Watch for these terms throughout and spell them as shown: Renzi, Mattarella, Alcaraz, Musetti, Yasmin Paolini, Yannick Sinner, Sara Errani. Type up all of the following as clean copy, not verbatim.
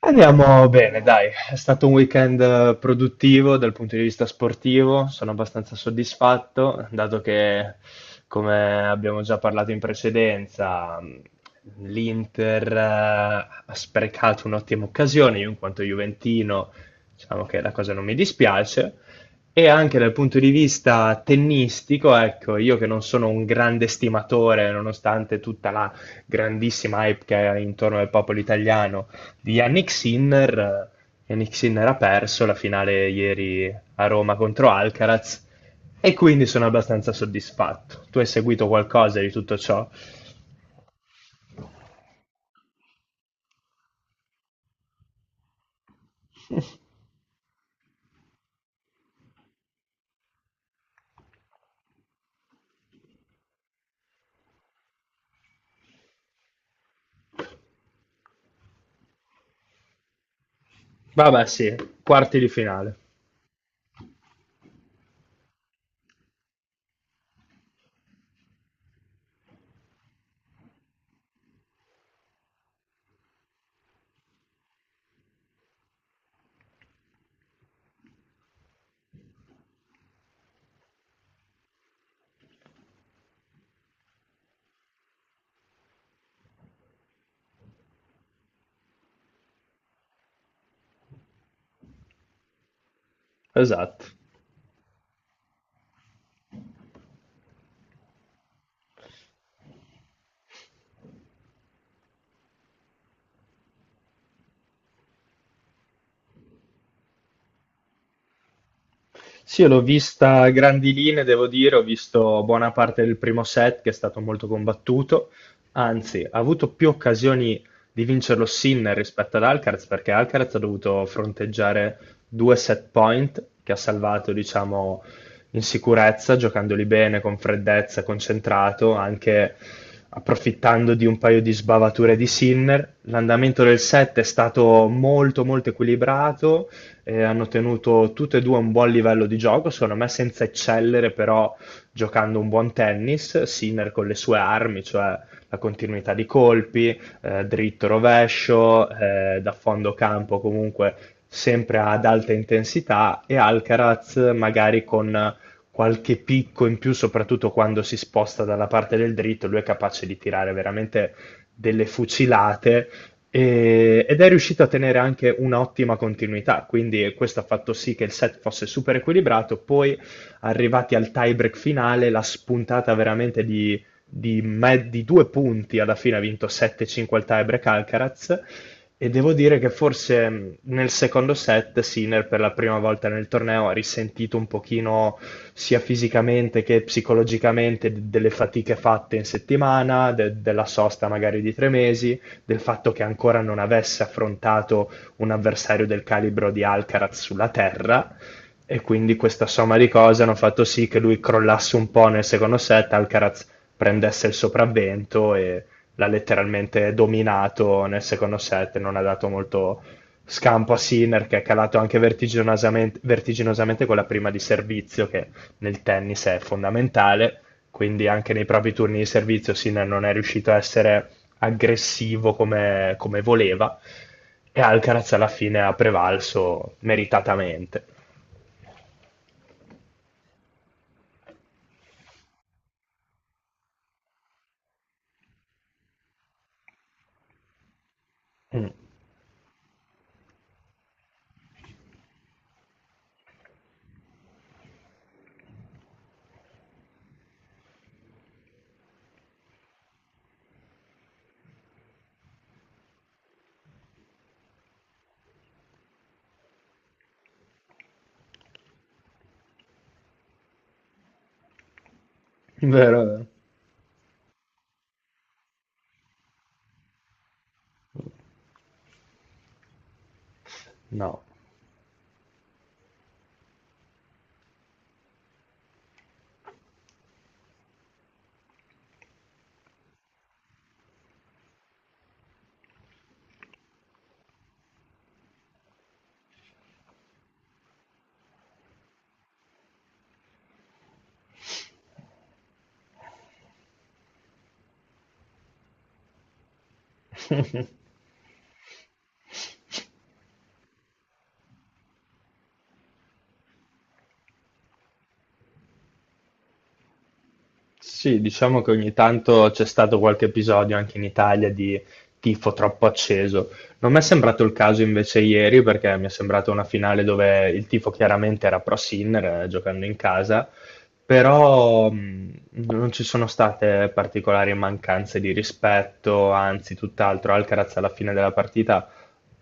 Andiamo bene, dai, è stato un weekend produttivo dal punto di vista sportivo, sono abbastanza soddisfatto, dato che, come abbiamo già parlato in precedenza, l'Inter ha sprecato un'ottima occasione, io in quanto juventino diciamo che la cosa non mi dispiace, e anche dal punto di vista tennistico, ecco, io che non sono un grande stimatore, nonostante tutta la grandissima hype che è intorno al popolo italiano, di Yannick Sinner. Yannick Sinner ha perso la finale ieri a Roma contro Alcaraz e quindi sono abbastanza soddisfatto. Tu hai seguito qualcosa di tutto ciò? Vabbè, sì, quarti di finale. Esatto. Sì, io l'ho vista a grandi linee, devo dire, ho visto buona parte del primo set che è stato molto combattuto, anzi, ha avuto più occasioni di vincerlo Sinner rispetto ad Alcaraz perché Alcaraz ha dovuto fronteggiare due set point che ha salvato, diciamo, in sicurezza, giocandoli bene, con freddezza, concentrato, anche approfittando di un paio di sbavature di Sinner. L'andamento del set è stato molto molto equilibrato, hanno tenuto tutte e due un buon livello di gioco, secondo me senza eccellere però giocando un buon tennis, Sinner con le sue armi, cioè la continuità di colpi, dritto rovescio, da fondo campo comunque sempre ad alta intensità e Alcaraz magari con qualche picco in più, soprattutto quando si sposta dalla parte del dritto, lui è capace di tirare veramente delle fucilate ed è riuscito a tenere anche un'ottima continuità, quindi questo ha fatto sì che il set fosse super equilibrato. Poi, arrivati al tie-break finale, la spuntata veramente di, di due punti, alla fine ha vinto 7-5 al tie-break Alcaraz. E devo dire che forse nel secondo set Sinner per la prima volta nel torneo ha risentito un pochino sia fisicamente che psicologicamente delle fatiche fatte in settimana, della sosta magari di tre mesi, del fatto che ancora non avesse affrontato un avversario del calibro di Alcaraz sulla terra e quindi questa somma di cose hanno fatto sì che lui crollasse un po' nel secondo set, Alcaraz prendesse il sopravvento e l'ha letteralmente dominato nel secondo set, non ha dato molto scampo a Sinner che è calato anche vertiginosamente, vertiginosamente con la prima di servizio che nel tennis è fondamentale, quindi anche nei propri turni di servizio Sinner non è riuscito a essere aggressivo come voleva e Alcaraz alla fine ha prevalso meritatamente. Mm. Vero, vero. No. Sì, diciamo che ogni tanto c'è stato qualche episodio anche in Italia di tifo troppo acceso. Non mi è sembrato il caso invece ieri, perché mi è sembrata una finale dove il tifo chiaramente era pro Sinner, giocando in casa, però non ci sono state particolari mancanze di rispetto, anzi tutt'altro. Alcaraz alla fine della partita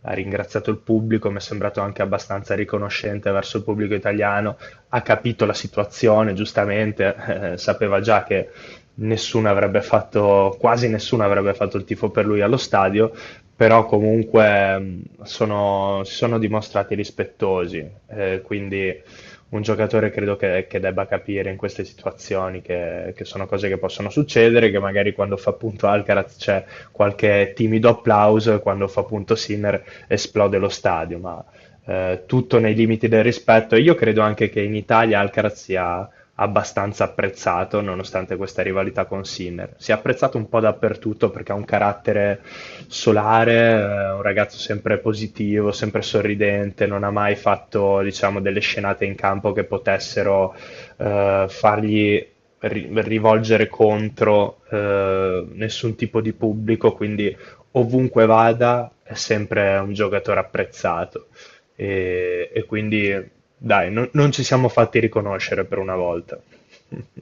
ha ringraziato il pubblico, mi è sembrato anche abbastanza riconoscente verso il pubblico italiano, ha capito la situazione, giustamente, sapeva già che nessuno avrebbe fatto, quasi nessuno avrebbe fatto il tifo per lui allo stadio, però comunque si sono dimostrati rispettosi, quindi un giocatore credo che debba capire in queste situazioni che sono cose che possono succedere, che magari quando fa punto Alcaraz c'è qualche timido applauso e quando fa punto Sinner esplode lo stadio, ma tutto nei limiti del rispetto e io credo anche che in Italia Alcaraz sia abbastanza apprezzato nonostante questa rivalità con Sinner. Si è apprezzato un po' dappertutto perché ha un carattere solare, un ragazzo sempre positivo, sempre sorridente, non ha mai fatto, diciamo, delle scenate in campo che potessero fargli rivolgere contro nessun tipo di pubblico, quindi ovunque vada è sempre un giocatore apprezzato. E quindi, dai, non ci siamo fatti riconoscere per una volta.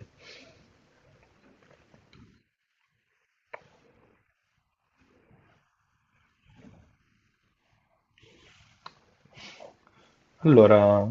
Allora,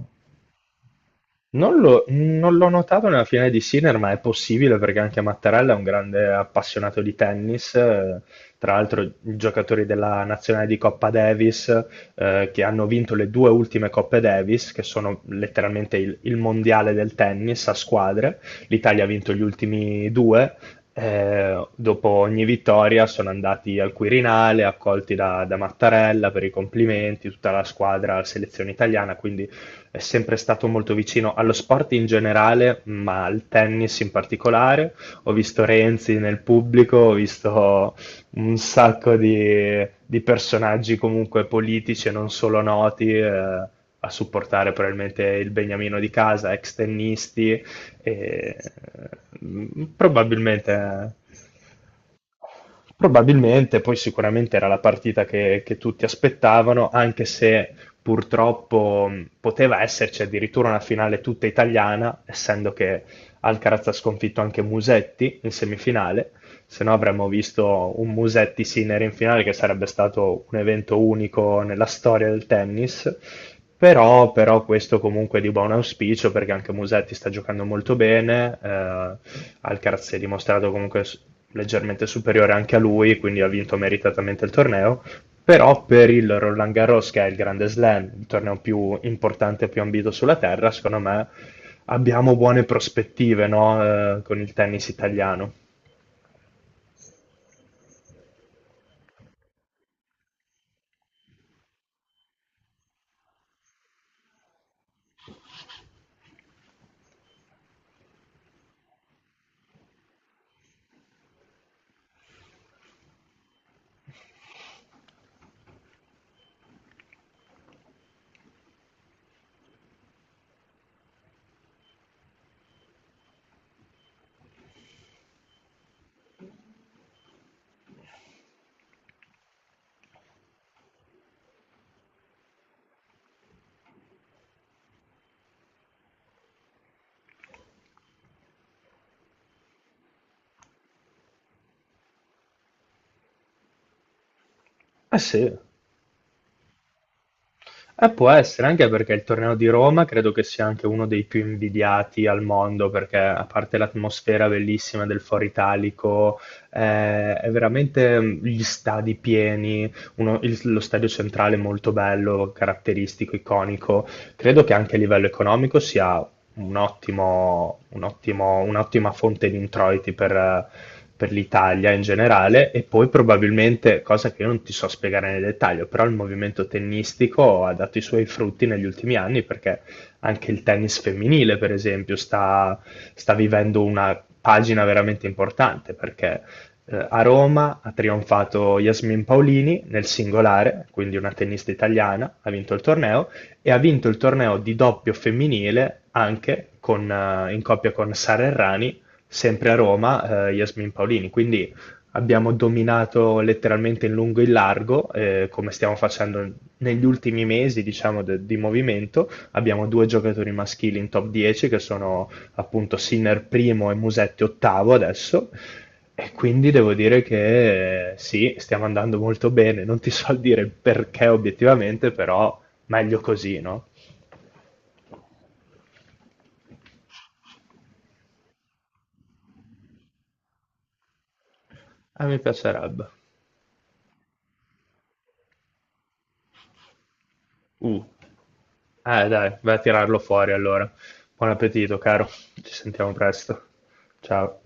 non l'ho notato nella finale di Sinner, ma è possibile perché anche Mattarella è un grande appassionato di tennis, tra l'altro giocatori della nazionale di Coppa Davis, che hanno vinto le due ultime Coppe Davis, che sono letteralmente il mondiale del tennis a squadre. L'Italia ha vinto gli ultimi due. Dopo ogni vittoria sono andati al Quirinale, accolti da Mattarella per i complimenti, tutta la squadra, la selezione italiana, quindi è sempre stato molto vicino allo sport in generale, ma al tennis in particolare. Ho visto Renzi nel pubblico, ho visto un sacco di personaggi comunque politici e non solo noti. A supportare probabilmente il Beniamino di casa, ex tennisti, e, mm, probabilmente Probabilmente, poi sicuramente era la partita che tutti aspettavano, anche se purtroppo poteva esserci addirittura una finale tutta italiana, essendo che Alcaraz ha sconfitto anche Musetti in semifinale, se no avremmo visto un Musetti Sinner in finale che sarebbe stato un evento unico nella storia del tennis. Però questo comunque è di buon auspicio perché anche Musetti sta giocando molto bene, Alcaraz si è dimostrato comunque leggermente superiore anche a lui, quindi ha vinto meritatamente il torneo però per il Roland Garros, che è il Grande Slam, il torneo più importante e più ambito sulla terra, secondo me abbiamo buone prospettive, no? Con il tennis italiano. Eh sì, può essere, anche perché il torneo di Roma credo che sia anche uno dei più invidiati al mondo, perché a parte l'atmosfera bellissima del Foro Italico, è veramente gli stadi pieni, lo stadio centrale molto bello, caratteristico, iconico. Credo che anche a livello economico sia un'ottima fonte di introiti per l'Italia in generale e poi probabilmente, cosa che io non ti so spiegare nel dettaglio, però il movimento tennistico ha dato i suoi frutti negli ultimi anni perché anche il tennis femminile, per esempio, sta vivendo una pagina veramente importante perché a Roma ha trionfato Yasmin Paolini nel singolare, quindi una tennista italiana, ha vinto il torneo e ha vinto il torneo di doppio femminile anche con, in coppia con Sara Errani, sempre a Roma, Yasmin Paolini. Quindi abbiamo dominato letteralmente in lungo e in largo, come stiamo facendo negli ultimi mesi, diciamo, di movimento. Abbiamo due giocatori maschili in top 10 che sono appunto Sinner primo e Musetti ottavo adesso. E quindi devo dire che sì, stiamo andando molto bene. Non ti so dire il perché obiettivamente, però meglio così, no? Ah, mi piacerebbe. Uh, dai, vai a tirarlo fuori allora. Buon appetito, caro. Ci sentiamo presto. Ciao.